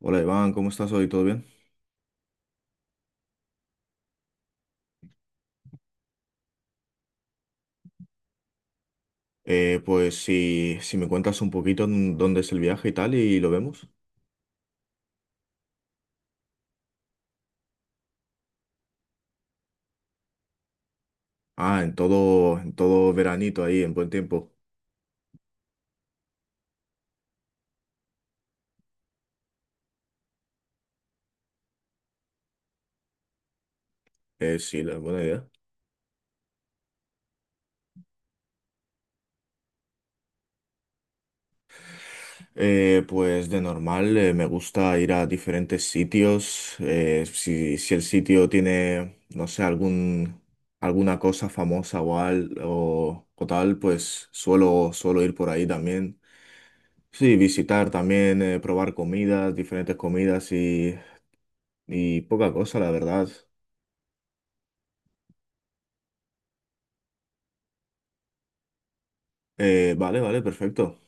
Hola Iván, ¿cómo estás hoy? ¿Todo bien? Pues si me cuentas un poquito en dónde es el viaje y tal y lo vemos. Ah, en todo veranito ahí, en buen tiempo. Sí, la buena idea. Pues de normal me gusta ir a diferentes sitios. Si el sitio tiene, no sé, alguna cosa famosa o tal, pues suelo ir por ahí también. Sí, visitar también, probar comidas, diferentes comidas y poca cosa, la verdad. Vale, vale, perfecto.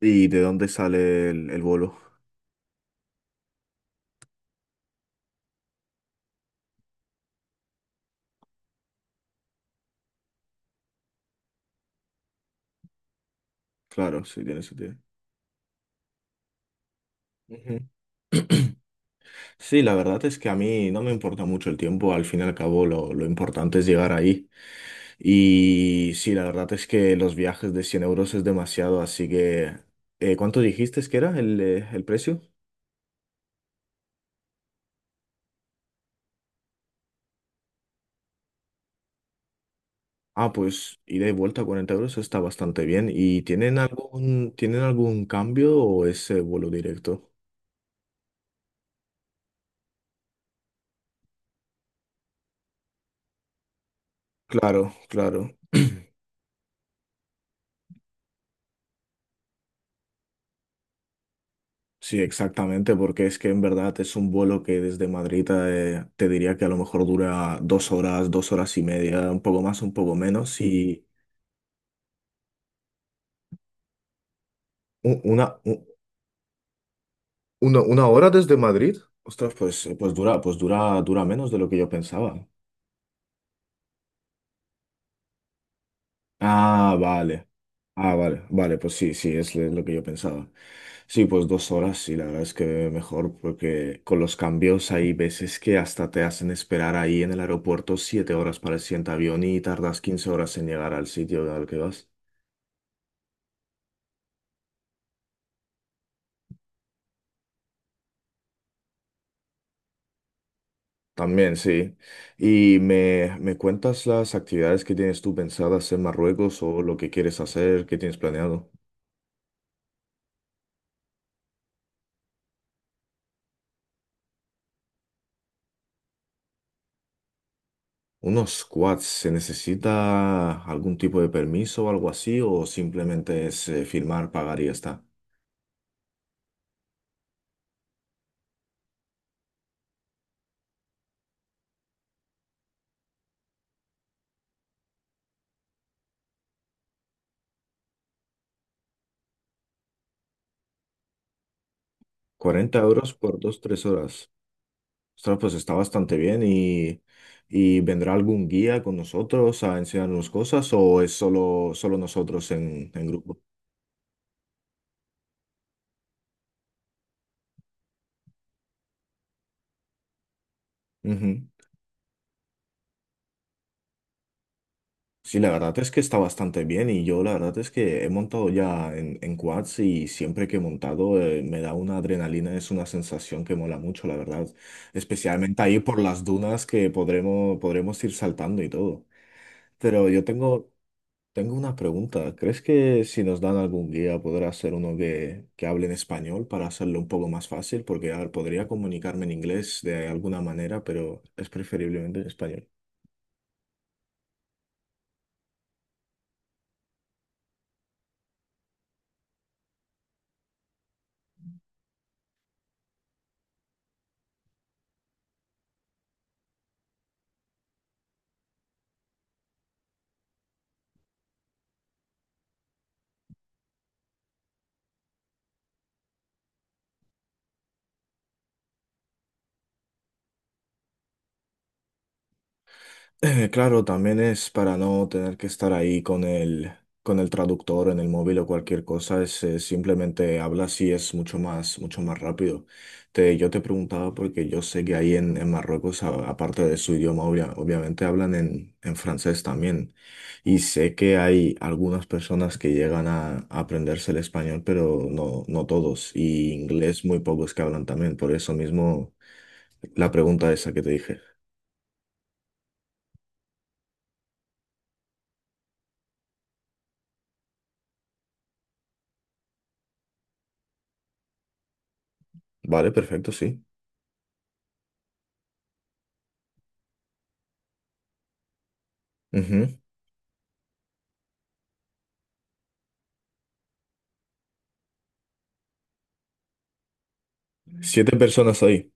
¿Y de dónde sale el vuelo? Claro, sí, tiene sentido. Ujú. Sí, la verdad es que a mí no me importa mucho el tiempo, al fin y al cabo lo importante es llegar ahí. Y sí, la verdad es que los viajes de 100 € es demasiado, así que... ¿Cuánto dijiste que era el precio? Ah, pues ida y vuelta a 40 € está bastante bien. ¿Y tienen algún cambio o es vuelo directo? Claro, claro. Sí, exactamente, porque es que en verdad es un vuelo que desde Madrid diría que a lo mejor dura 2 horas, 2 horas y media, un poco más, un poco menos, y u- una, u- una hora desde Madrid. Ostras, dura menos de lo que yo pensaba. Ah, vale. Ah, vale, vale, pues sí, sí, es lo que yo pensaba. Sí, pues dos horas, sí, la verdad es que mejor, porque con los cambios hay veces que hasta te hacen esperar ahí en el aeropuerto 7 horas para el siguiente avión y tardas 15 horas en llegar al sitio al que vas. También, sí. ¿Y me cuentas las actividades que tienes tú pensadas en Marruecos o lo que quieres hacer, qué tienes planeado? Unos squats, ¿se necesita algún tipo de permiso o algo así? ¿O simplemente es firmar, pagar y ya está? 40 € por dos tres horas. Ostras, pues está bastante bien. ¿Vendrá algún guía con nosotros a enseñarnos cosas o es solo nosotros en grupo? Ujú. Sí, la verdad es que está bastante bien y yo la verdad es que he montado ya en quads y siempre que he montado me da una adrenalina, es una sensación que mola mucho, la verdad, especialmente ahí por las dunas que podremos ir saltando y todo. Pero yo tengo una pregunta. ¿Crees que si nos dan algún guía podrá ser uno que hable en español para hacerlo un poco más fácil? Porque, a ver, podría comunicarme en inglés de alguna manera, pero es preferiblemente en español. Claro, también es para no tener que estar ahí con el traductor en el móvil o cualquier cosa, simplemente hablas y es mucho más rápido. Yo te preguntaba porque yo sé que ahí en Marruecos, aparte de su idioma, obviamente hablan en francés también. Y sé que hay algunas personas que llegan a aprenderse el español, pero no, no todos. Y inglés muy pocos que hablan también. Por eso mismo la pregunta esa que te dije. Vale, perfecto, sí. Ujú. Siete personas ahí.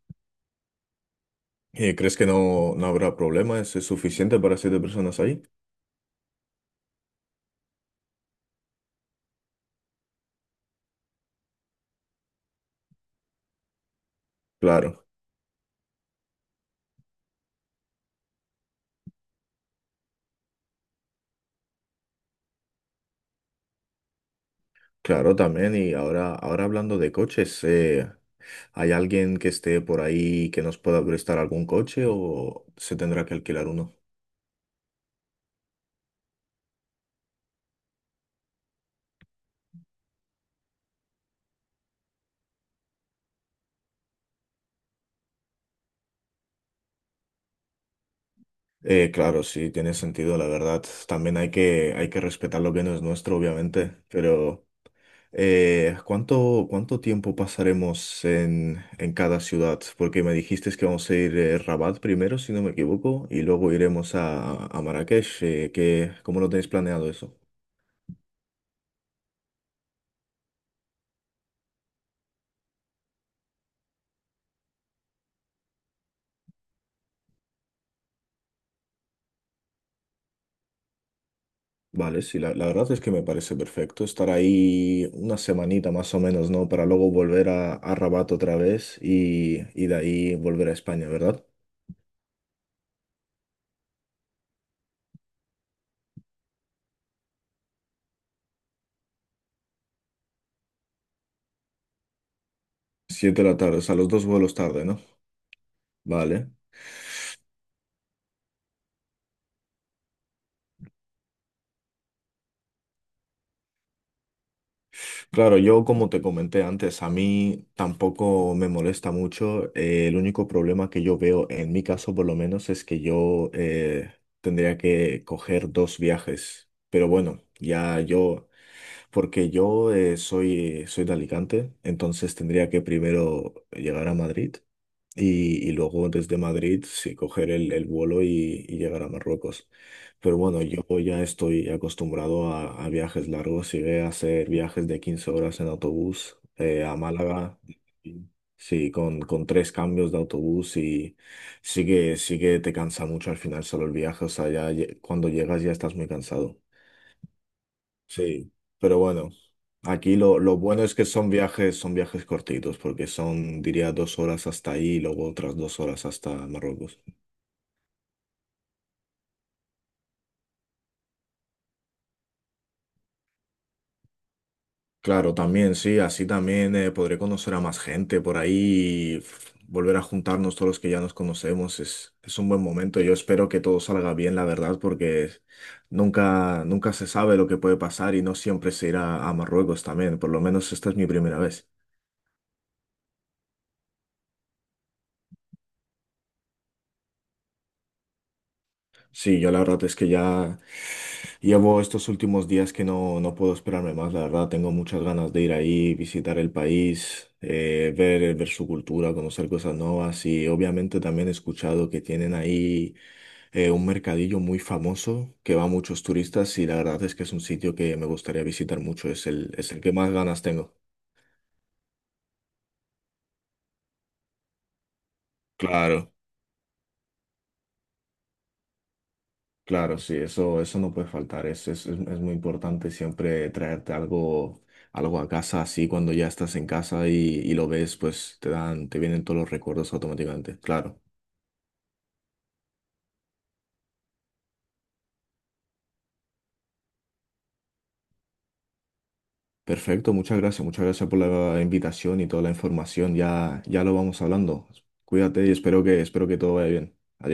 ¿Y crees que no, no habrá problemas? ¿Es suficiente para siete personas ahí? Claro, claro también. Y ahora hablando de coches, ¿hay alguien que esté por ahí que nos pueda prestar algún coche o se tendrá que alquilar uno? Claro, sí, tiene sentido, la verdad. También hay que respetar lo que no es nuestro, obviamente, pero... ¿Cuánto cuánto tiempo pasaremos en cada ciudad? Porque me dijiste que vamos a ir a Rabat primero, si no me equivoco, y luego iremos a Marrakech. ¿Cómo lo tenéis planeado eso? Vale, sí, la verdad es que me parece perfecto estar ahí una semanita más o menos, ¿no? Para luego volver a Rabat otra vez y de ahí volver a España, ¿verdad? 7 de la tarde, o sea, los dos vuelos tarde, ¿no? Vale. Claro, yo como te comenté antes, a mí tampoco me molesta mucho. El único problema que yo veo, en mi caso por lo menos, es que yo tendría que coger dos viajes. Pero bueno, porque yo soy de Alicante, entonces tendría que primero llegar a Madrid y luego desde Madrid sí coger el vuelo y llegar a Marruecos. Pero bueno, yo ya estoy acostumbrado a viajes largos. Llegué a hacer viajes de 15 horas en autobús a Málaga. Sí, con tres cambios de autobús y sí que te cansa mucho al final solo el viaje. O sea, cuando llegas ya estás muy cansado. Sí, pero bueno, aquí lo bueno es que son viajes cortitos, porque son, diría, 2 horas hasta ahí y luego otras 2 horas hasta Marruecos. Claro, también, sí, así también podré conocer a más gente por ahí y volver a juntarnos todos los que ya nos conocemos. Es un buen momento. Yo espero que todo salga bien, la verdad, porque nunca, nunca se sabe lo que puede pasar y no siempre se irá a Marruecos también. Por lo menos esta es mi primera vez. Sí, yo la verdad es que ya llevo estos últimos días que no, no puedo esperarme más, la verdad tengo muchas ganas de ir ahí, visitar el país, ver su cultura, conocer cosas nuevas y obviamente también he escuchado que tienen ahí un mercadillo muy famoso que va a muchos turistas y la verdad es que es un sitio que me gustaría visitar mucho, es el que más ganas tengo. Claro. Claro, sí, eso no puede faltar. Es muy importante siempre traerte algo a casa, así cuando ya estás en casa y lo ves, pues te vienen todos los recuerdos automáticamente. Claro. Perfecto, muchas gracias por la invitación y toda la información. Ya, ya lo vamos hablando. Cuídate y espero que todo vaya bien. Adiós.